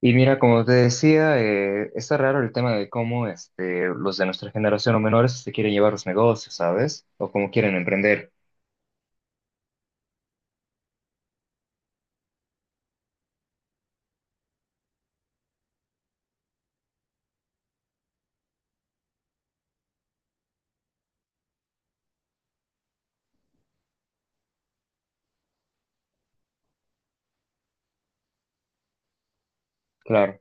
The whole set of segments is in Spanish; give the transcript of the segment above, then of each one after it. Y mira, como te decía, está raro el tema de cómo este, los de nuestra generación o menores se quieren llevar los negocios, ¿sabes? O cómo quieren emprender. Claro,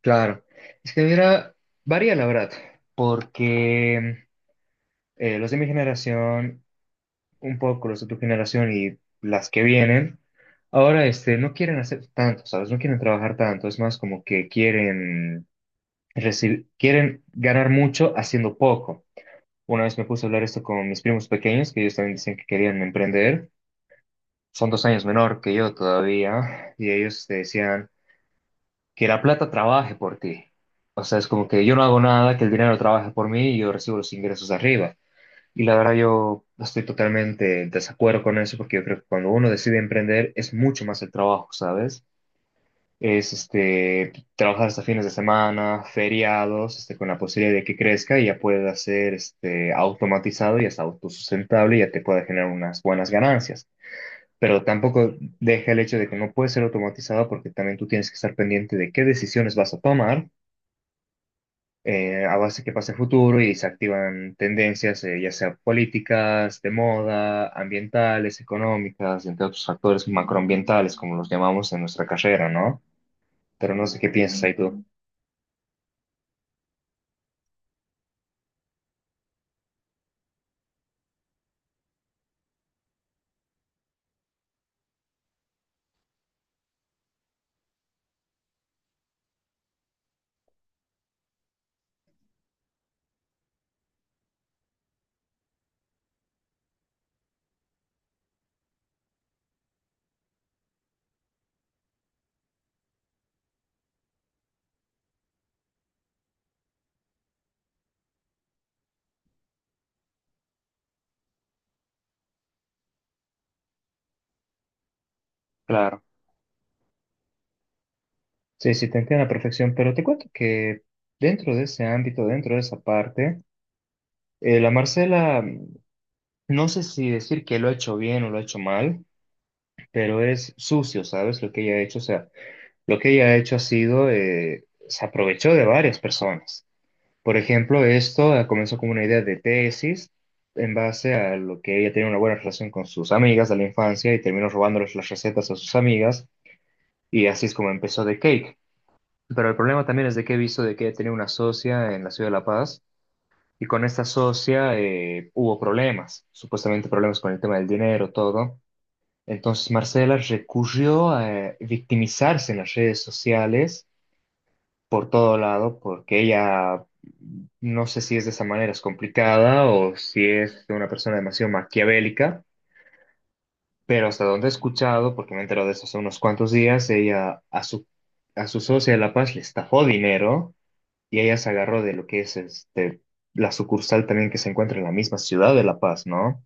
claro. Es que mira, varía la verdad, porque los de mi generación, un poco los de tu generación y las que vienen, ahora este, no quieren hacer tanto, ¿sabes? No quieren trabajar tanto, es más como que quieren, quieren ganar mucho haciendo poco. Una vez me puse a hablar esto con mis primos pequeños, que ellos también dicen que querían emprender. Son dos años menor que yo todavía, y ellos te decían que la plata trabaje por ti. O sea, es como que yo no hago nada, que el dinero trabaje por mí y yo recibo los ingresos arriba. Y la verdad yo estoy totalmente en desacuerdo con eso, porque yo creo que cuando uno decide emprender es mucho más el trabajo, ¿sabes? Es este, trabajar hasta fines de semana, feriados, este, con la posibilidad de que crezca y ya pueda ser este, automatizado y hasta autosustentable y ya te pueda generar unas buenas ganancias. Pero tampoco deja el hecho de que no puede ser automatizado porque también tú tienes que estar pendiente de qué decisiones vas a tomar a base de qué pasa el futuro y se activan tendencias, ya sea políticas, de moda, ambientales, económicas, entre otros factores macroambientales, como los llamamos en nuestra carrera, ¿no? Pero no sé qué piensas ahí tú. Claro. Sí, sí, te entiendo a la perfección, pero te cuento que dentro de ese ámbito, dentro de esa parte, la Marcela, mm, no sé si decir que lo ha hecho bien o lo ha hecho mal, pero es sucio, ¿sabes? Lo que ella ha hecho, o sea, lo que ella ha hecho ha sido, se aprovechó de varias personas. Por ejemplo, esto comenzó como una idea de tesis en base a lo que ella tenía una buena relación con sus amigas de la infancia y terminó robándoles las recetas a sus amigas y así es como empezó The Cake. Pero el problema también es de que he visto de que he tenido una socia en la ciudad de La Paz y con esta socia hubo problemas, supuestamente problemas con el tema del dinero, todo. Entonces Marcela recurrió a victimizarse en las redes sociales por todo lado porque ella, no sé si es de esa manera, es complicada o si es una persona demasiado maquiavélica, pero hasta donde he escuchado, porque me he enterado de eso hace unos cuantos días, ella a su socia de La Paz le estafó dinero y ella se agarró de lo que es este, la sucursal también que se encuentra en la misma ciudad de La Paz, ¿no?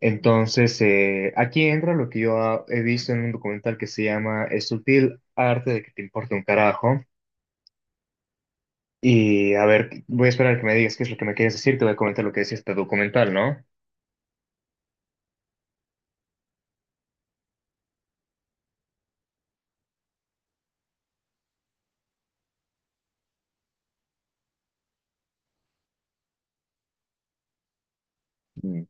Entonces, aquí entra lo que yo he visto en un documental que se llama El sutil arte de que te importe un carajo. Y a ver, voy a esperar que me digas qué es lo que me quieres decir, te voy a comentar lo que es este documental, ¿no? Mm.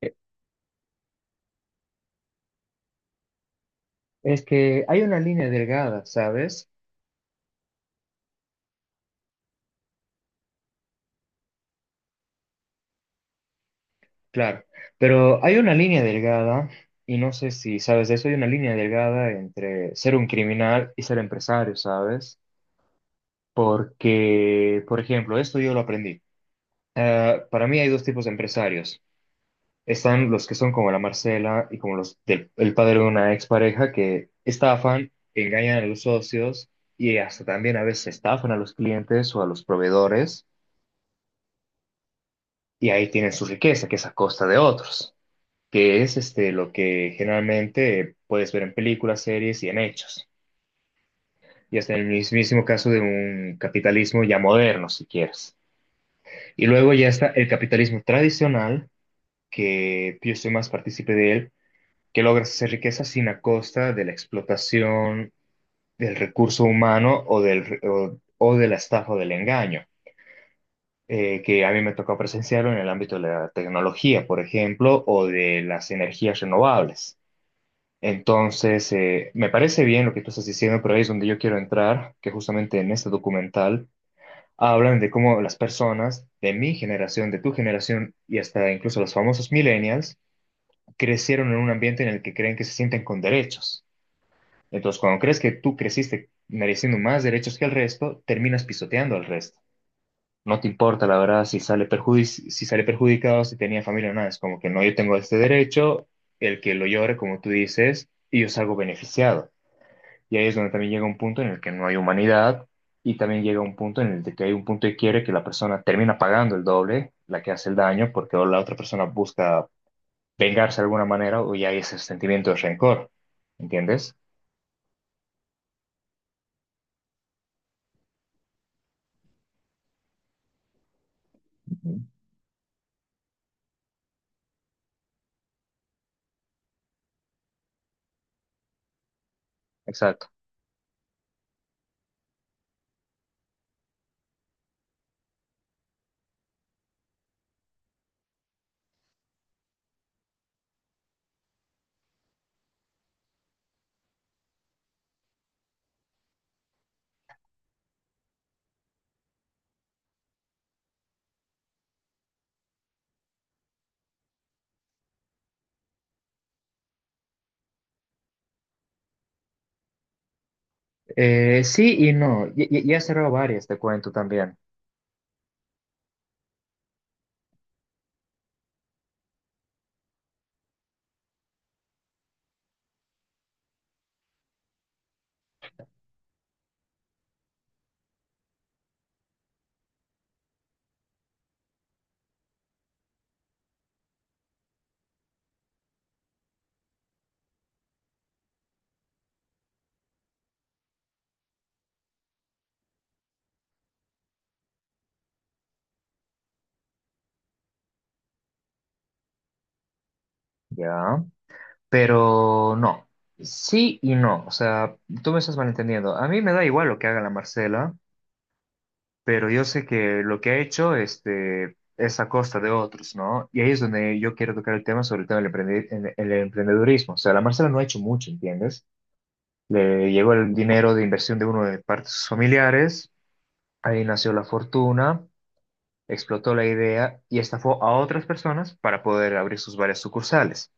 Eh, Es que hay una línea delgada, ¿sabes? Claro, pero hay una línea delgada, y no sé si sabes de eso, hay una línea delgada entre ser un criminal y ser empresario, ¿sabes? Porque, por ejemplo, esto yo lo aprendí. Para mí hay dos tipos de empresarios. Están los que son como la Marcela y como los del el padre de una expareja que estafan, engañan a los socios y hasta también a veces estafan a los clientes o a los proveedores y ahí tienen su riqueza, que es a costa de otros, que es este, lo que generalmente puedes ver en películas, series y en hechos. Y hasta en el mismísimo caso de un capitalismo ya moderno, si quieres. Y luego ya está el capitalismo tradicional, que yo soy más partícipe de él, que logra hacer riqueza sin a costa de la explotación del recurso humano o, del, o de la estafa o del engaño, que a mí me tocó presenciarlo en el ámbito de la tecnología, por ejemplo, o de las energías renovables. Entonces, me parece bien lo que tú estás diciendo, pero ahí es donde yo quiero entrar, que justamente en este documental hablan de cómo las personas de mi generación, de tu generación y hasta incluso los famosos millennials crecieron en un ambiente en el que creen que se sienten con derechos. Entonces, cuando crees que tú creciste mereciendo más derechos que el resto, terminas pisoteando al resto. No te importa, la verdad, si si sale perjudicado, si tenía familia o nada. Es como que no, yo tengo este derecho, el que lo llore, como tú dices, y yo salgo beneficiado. Y ahí es donde también llega un punto en el que no hay humanidad y también llega un punto en el de que hay un punto de quiebre que la persona termina pagando el doble, la que hace el daño, porque o la otra persona busca vengarse de alguna manera o ya hay ese sentimiento de rencor. ¿Entiendes? Ujú. Exacto. Sí y no. Ya he cerrado varias, te cuento también. Ya. Pero no. Sí y no. O sea, tú me estás malentendiendo. A mí me da igual lo que haga la Marcela. Pero yo sé que lo que ha hecho este, es a costa de otros, ¿no? Y ahí es donde yo quiero tocar el tema sobre el tema del el emprendedurismo. O sea, la Marcela no ha hecho mucho, ¿entiendes? Le llegó el dinero de inversión de uno de parte de sus familiares, ahí nació la fortuna, explotó la idea y estafó a otras personas para poder abrir sus varias sucursales.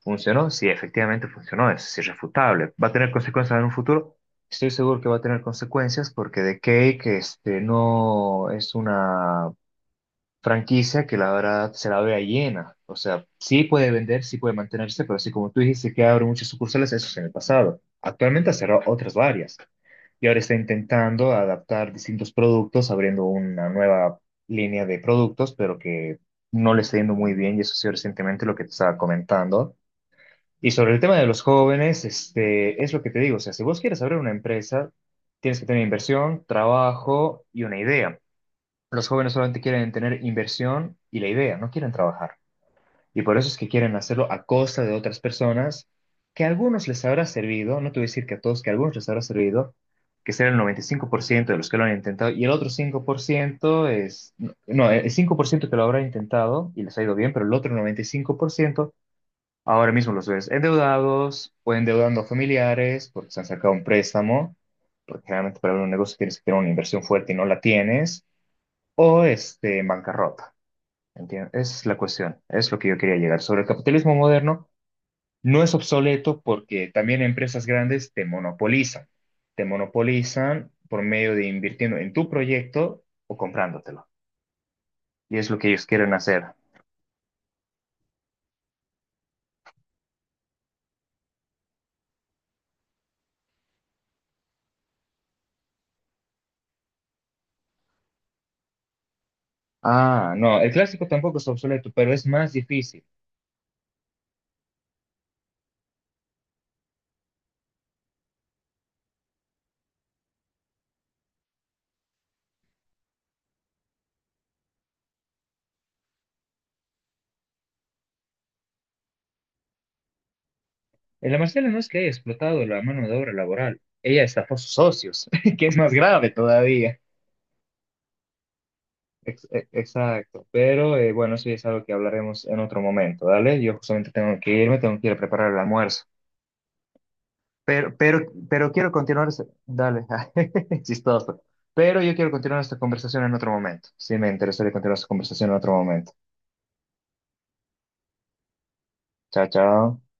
¿Funcionó? Sí, efectivamente funcionó, es irrefutable. ¿Va a tener consecuencias en un futuro? Estoy seguro que va a tener consecuencias porque The Cake este, no es una franquicia que la verdad se la vea llena. O sea, sí puede vender, sí puede mantenerse, pero así como tú dijiste que abre muchas sucursales, eso es en el pasado. Actualmente ha cerrado otras varias y ahora está intentando adaptar distintos productos, abriendo una nueva línea de productos, pero que no le está yendo muy bien y eso ha sido recientemente lo que te estaba comentando. Y sobre el tema de los jóvenes, este, es lo que te digo, o sea, si vos quieres abrir una empresa, tienes que tener inversión, trabajo y una idea. Los jóvenes solamente quieren tener inversión y la idea, no quieren trabajar. Y por eso es que quieren hacerlo a costa de otras personas, que a algunos les habrá servido, no te voy a decir que a todos, que a algunos les habrá servido, que será el 95% de los que lo han intentado, y el otro 5% es, no, el 5% que lo habrá intentado y les ha ido bien, pero el otro 95% ahora mismo los ves endeudados o endeudando a familiares porque se han sacado un préstamo, porque generalmente para abrir un negocio tienes que tener una inversión fuerte y no la tienes o este, en bancarrota. ¿Entiendes? Es la cuestión, es lo que yo quería llegar. Sobre el capitalismo moderno, no es obsoleto porque también empresas grandes te monopolizan. Te monopolizan por medio de invirtiendo en tu proyecto o comprándotelo. Y es lo que ellos quieren hacer. Ah, no, el clásico tampoco es obsoleto, pero es más difícil. El Marcela no es que haya explotado la mano de obra laboral, ella estafó a sus socios, que es más grave todavía. Exacto, pero bueno, eso ya es algo que hablaremos en otro momento, ¿dale? Yo justamente tengo que irme, tengo que ir a preparar el almuerzo. Pero, pero, pero quiero continuar, dale, chistoso. Pero yo quiero continuar esta conversación en otro momento. Sí, me interesaría continuar esta conversación en otro momento. Chao, chao.